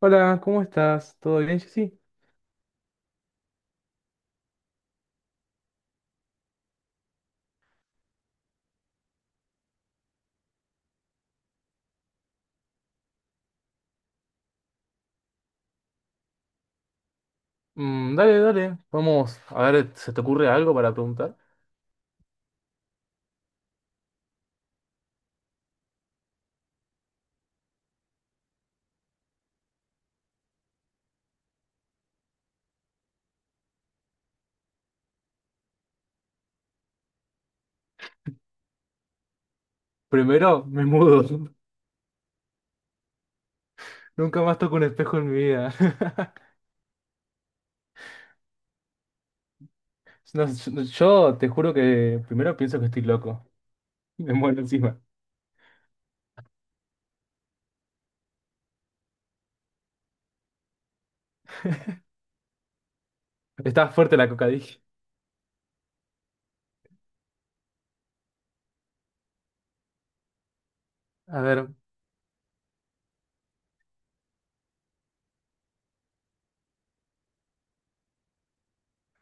Hola, ¿cómo estás? ¿Todo bien, Jessy? Mm, dale, dale. Vamos a ver, ¿se te ocurre algo para preguntar? Primero, me mudo. Nunca más toco un espejo en mi vida. No, yo te juro que primero pienso que estoy loco. Me muero encima. Está fuerte la coca, dije. A ver,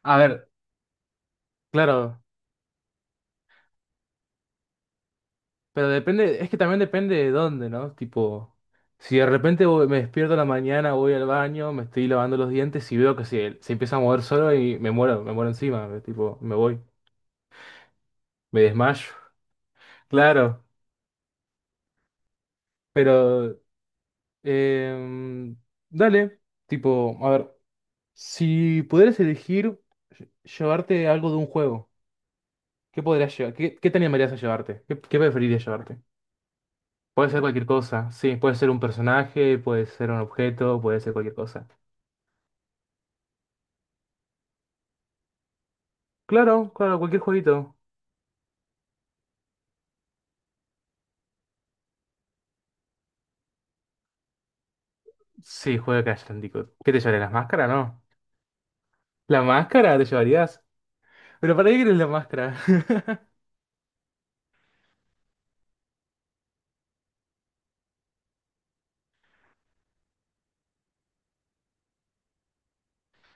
a ver, claro, pero depende, es que también depende de dónde, ¿no? Tipo, si de repente me despierto a la mañana, voy al baño, me estoy lavando los dientes y veo que se empieza a mover solo y me muero encima, tipo, me voy. Me desmayo. Claro, pero... em, dale, tipo, a ver, si pudieras elegir llevarte algo de un juego, ¿qué podrías llevar? ¿Qué, qué te animarías a llevarte? ¿Qué, qué preferirías llevarte? Puede ser cualquier cosa, sí, puede ser un personaje, puede ser un objeto, puede ser cualquier cosa. Claro, claro, cualquier jueguito. Sí, juega Crash Bandicoot. ¿Qué te llevarías? ¿La máscara? No. ¿La máscara te llevarías? ¿Pero para qué quieres la máscara?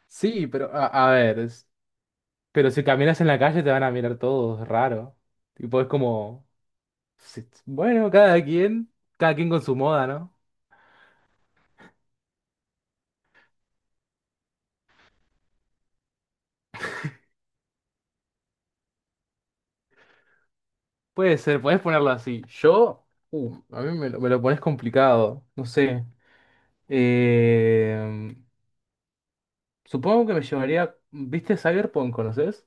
Sí, pero a ver. Pero si caminas en la calle te van a mirar todos, raro. Tipo, es como, bueno, cada quien con su moda, ¿no? Puede ser, puedes ponerlo así. Yo, a mí me lo pones complicado, no sé. Eh, supongo que me llevaría, ¿viste Cyberpunk? ¿Conoces?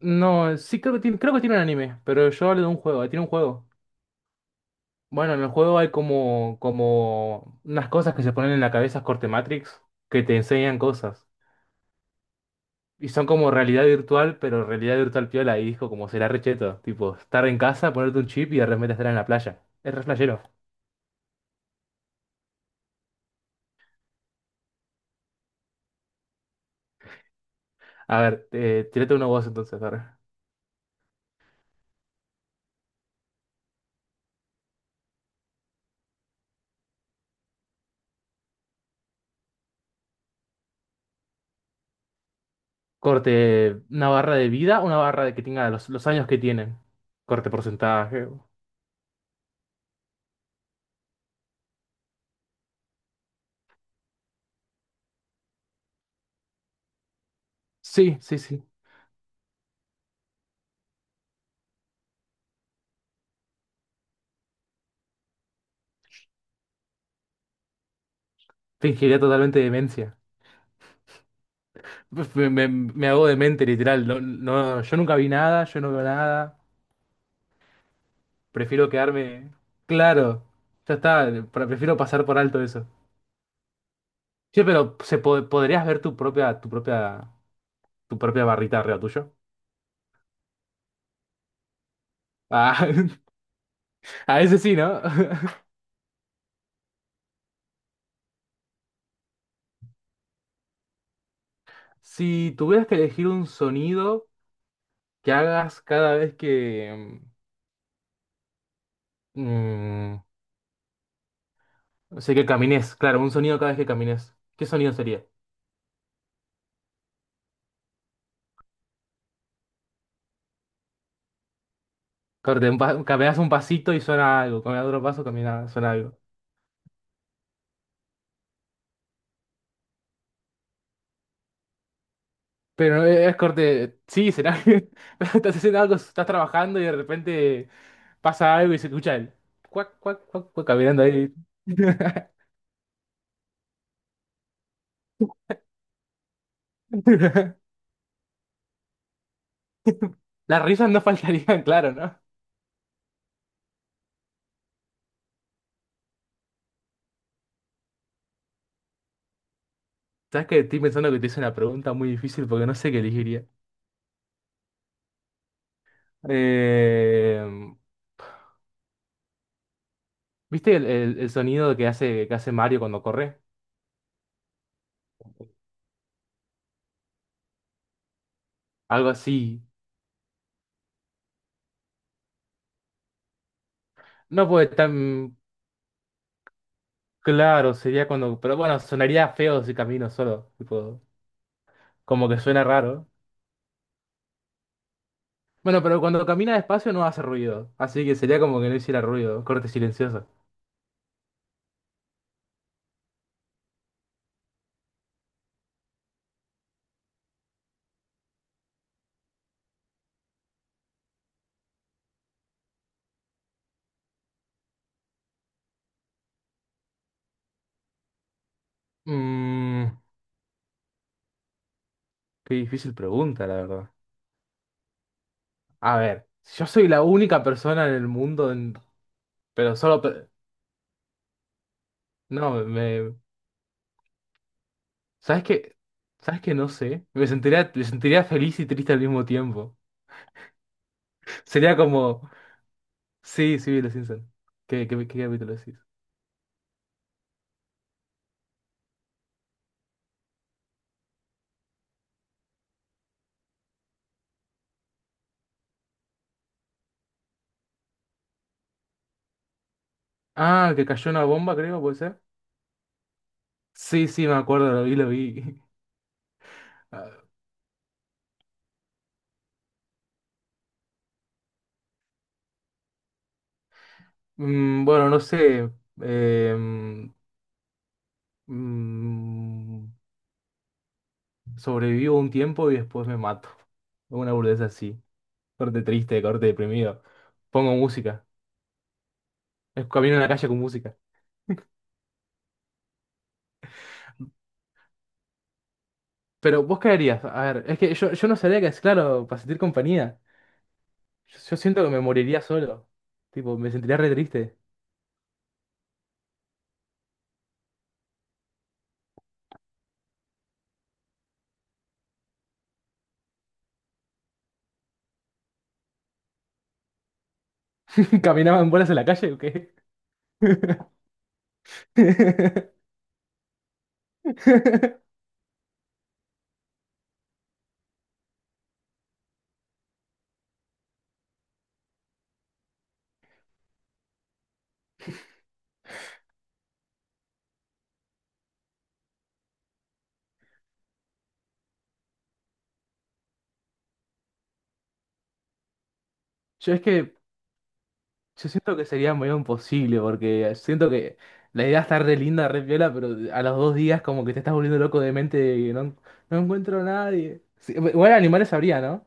No, sí creo que tiene un anime, pero yo hablo de un juego, tiene un juego. Bueno, en el juego hay como, como unas cosas que se ponen en la cabeza corte Matrix que te enseñan cosas. Y son como realidad virtual, pero realidad virtual piola. Y dijo como será recheto. Tipo, estar en casa, ponerte un chip y de repente estar en la playa. Es re flashero. A ver, tirate uno vos entonces. A ver. Corte, una barra de vida, una barra de que tenga los años que tienen. Corte porcentaje. Sí, sí, sí. Fingiría totalmente demencia. Pues, me hago demente, literal. No, no, yo nunca vi nada, yo no veo nada. Prefiero quedarme. Claro, ya está. Prefiero pasar por alto eso. Sí, pero podrías ver tu propia, tu propia barrita arriba tuyo. Ah, a ese sí, ¿no? Si tuvieras que elegir un sonido que hagas cada vez que... mm, o sea, que camines, claro, un sonido cada vez que camines. ¿Qué sonido sería? Corte, caminas un pasito y suena algo, caminas otro paso, camina, suena algo. Pero no es corte, sí, será que estás haciendo algo, estás trabajando y de repente pasa algo y se escucha el cuac, cuac, cuac, cuac, caminando ahí. Las risas no faltarían, claro, ¿no? Sabes que estoy pensando que te hice una pregunta muy difícil porque no sé qué elegiría. Eh, ¿Viste el sonido que hace Mario cuando corre? Algo así. No puede tan claro, sería cuando. Pero bueno, sonaría feo si camino solo. Tipo, como que suena raro. Bueno, pero cuando camina despacio no hace ruido. Así que sería como que no hiciera ruido. Corte silencioso. Mmm, qué difícil pregunta, la verdad. A ver, si yo soy la única persona en el mundo en... Pero solo... no, me... ¿Sabes qué? ¿Sabes qué? No sé. Me sentiría feliz y triste al mismo tiempo. Sería como... Sí, sí, vi Los Simpson. ¿Qué, qué, qué capítulo decís? Ah, que cayó una bomba, creo, ¿puede ser? Sí, sí, me acuerdo, lo vi, lo vi. Ah, mm, bueno, no sé. em, mm, sobrevivo un tiempo y después me mato. Una burdeza así. Corte triste, corte deprimido. Pongo música. Camino en la calle con música. Pero vos caerías, a ver, es que yo no sabría que es claro para sentir compañía. Yo siento que me moriría solo. Tipo, me sentiría re triste. ¿Caminaba en bolas en la calle o qué? Yo es que yo siento que sería medio imposible porque siento que la idea está re linda, re piola, pero a los dos días como que te estás volviendo loco de mente y no, no encuentro a nadie. Sí, igual animales habría, ¿no?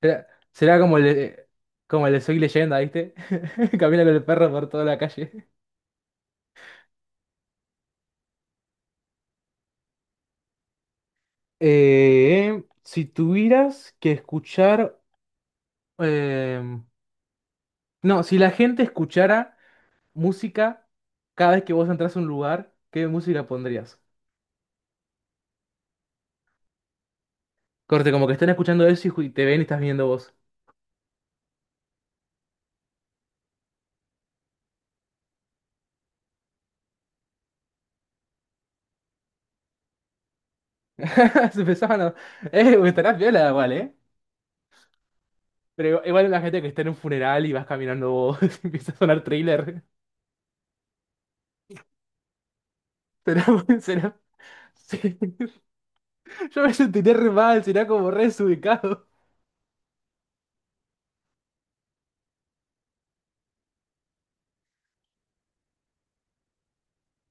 Será, será como como el de Soy Leyenda, ¿viste? Camina con el perro por toda la calle. Si tuvieras que escuchar, em, no, si la gente escuchara música cada vez que vos entras a un lugar, ¿qué música pondrías? Corte, como que están escuchando eso y te ven y estás viendo vos. Se empezaban a... estarás viola igual, ¿eh? Pero igual la gente que está en un funeral y vas caminando vos, empieza a sonar trailer. Será, será... Sí. Yo me sentiré re mal, será como re desubicado.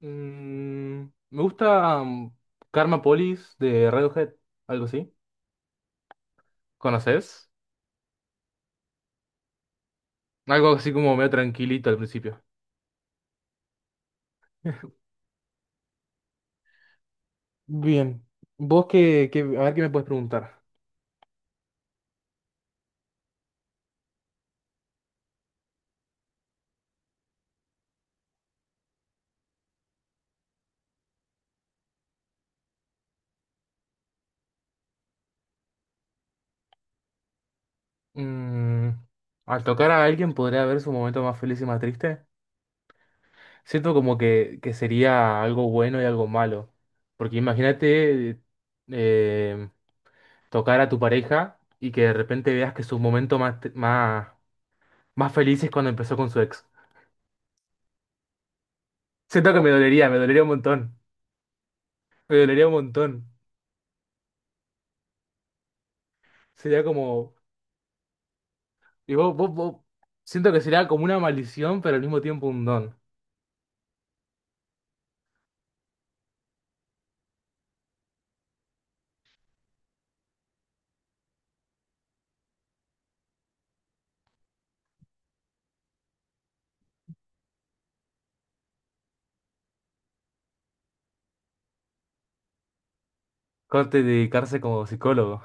Mm, me gusta mm, Karma Police de Radiohead, algo así. ¿Conoces? Algo así como medio tranquilito al principio. Bien. ¿Vos qué, a ver qué me puedes preguntar? Mm, al tocar a alguien podría haber su momento más feliz y más triste. Siento como que sería algo bueno y algo malo. Porque imagínate eh, tocar a tu pareja y que de repente veas que su momento más, t- más, más feliz es cuando empezó con su ex. Siento que me dolería un montón. Me dolería un montón. Sería como. Y siento que sería como una maldición, pero al mismo tiempo un don. Corte dedicarse como psicólogo.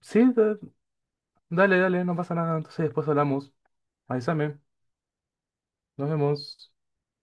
Sí, dale, dale, no pasa nada. Entonces después hablamos. Avísame. Nos vemos.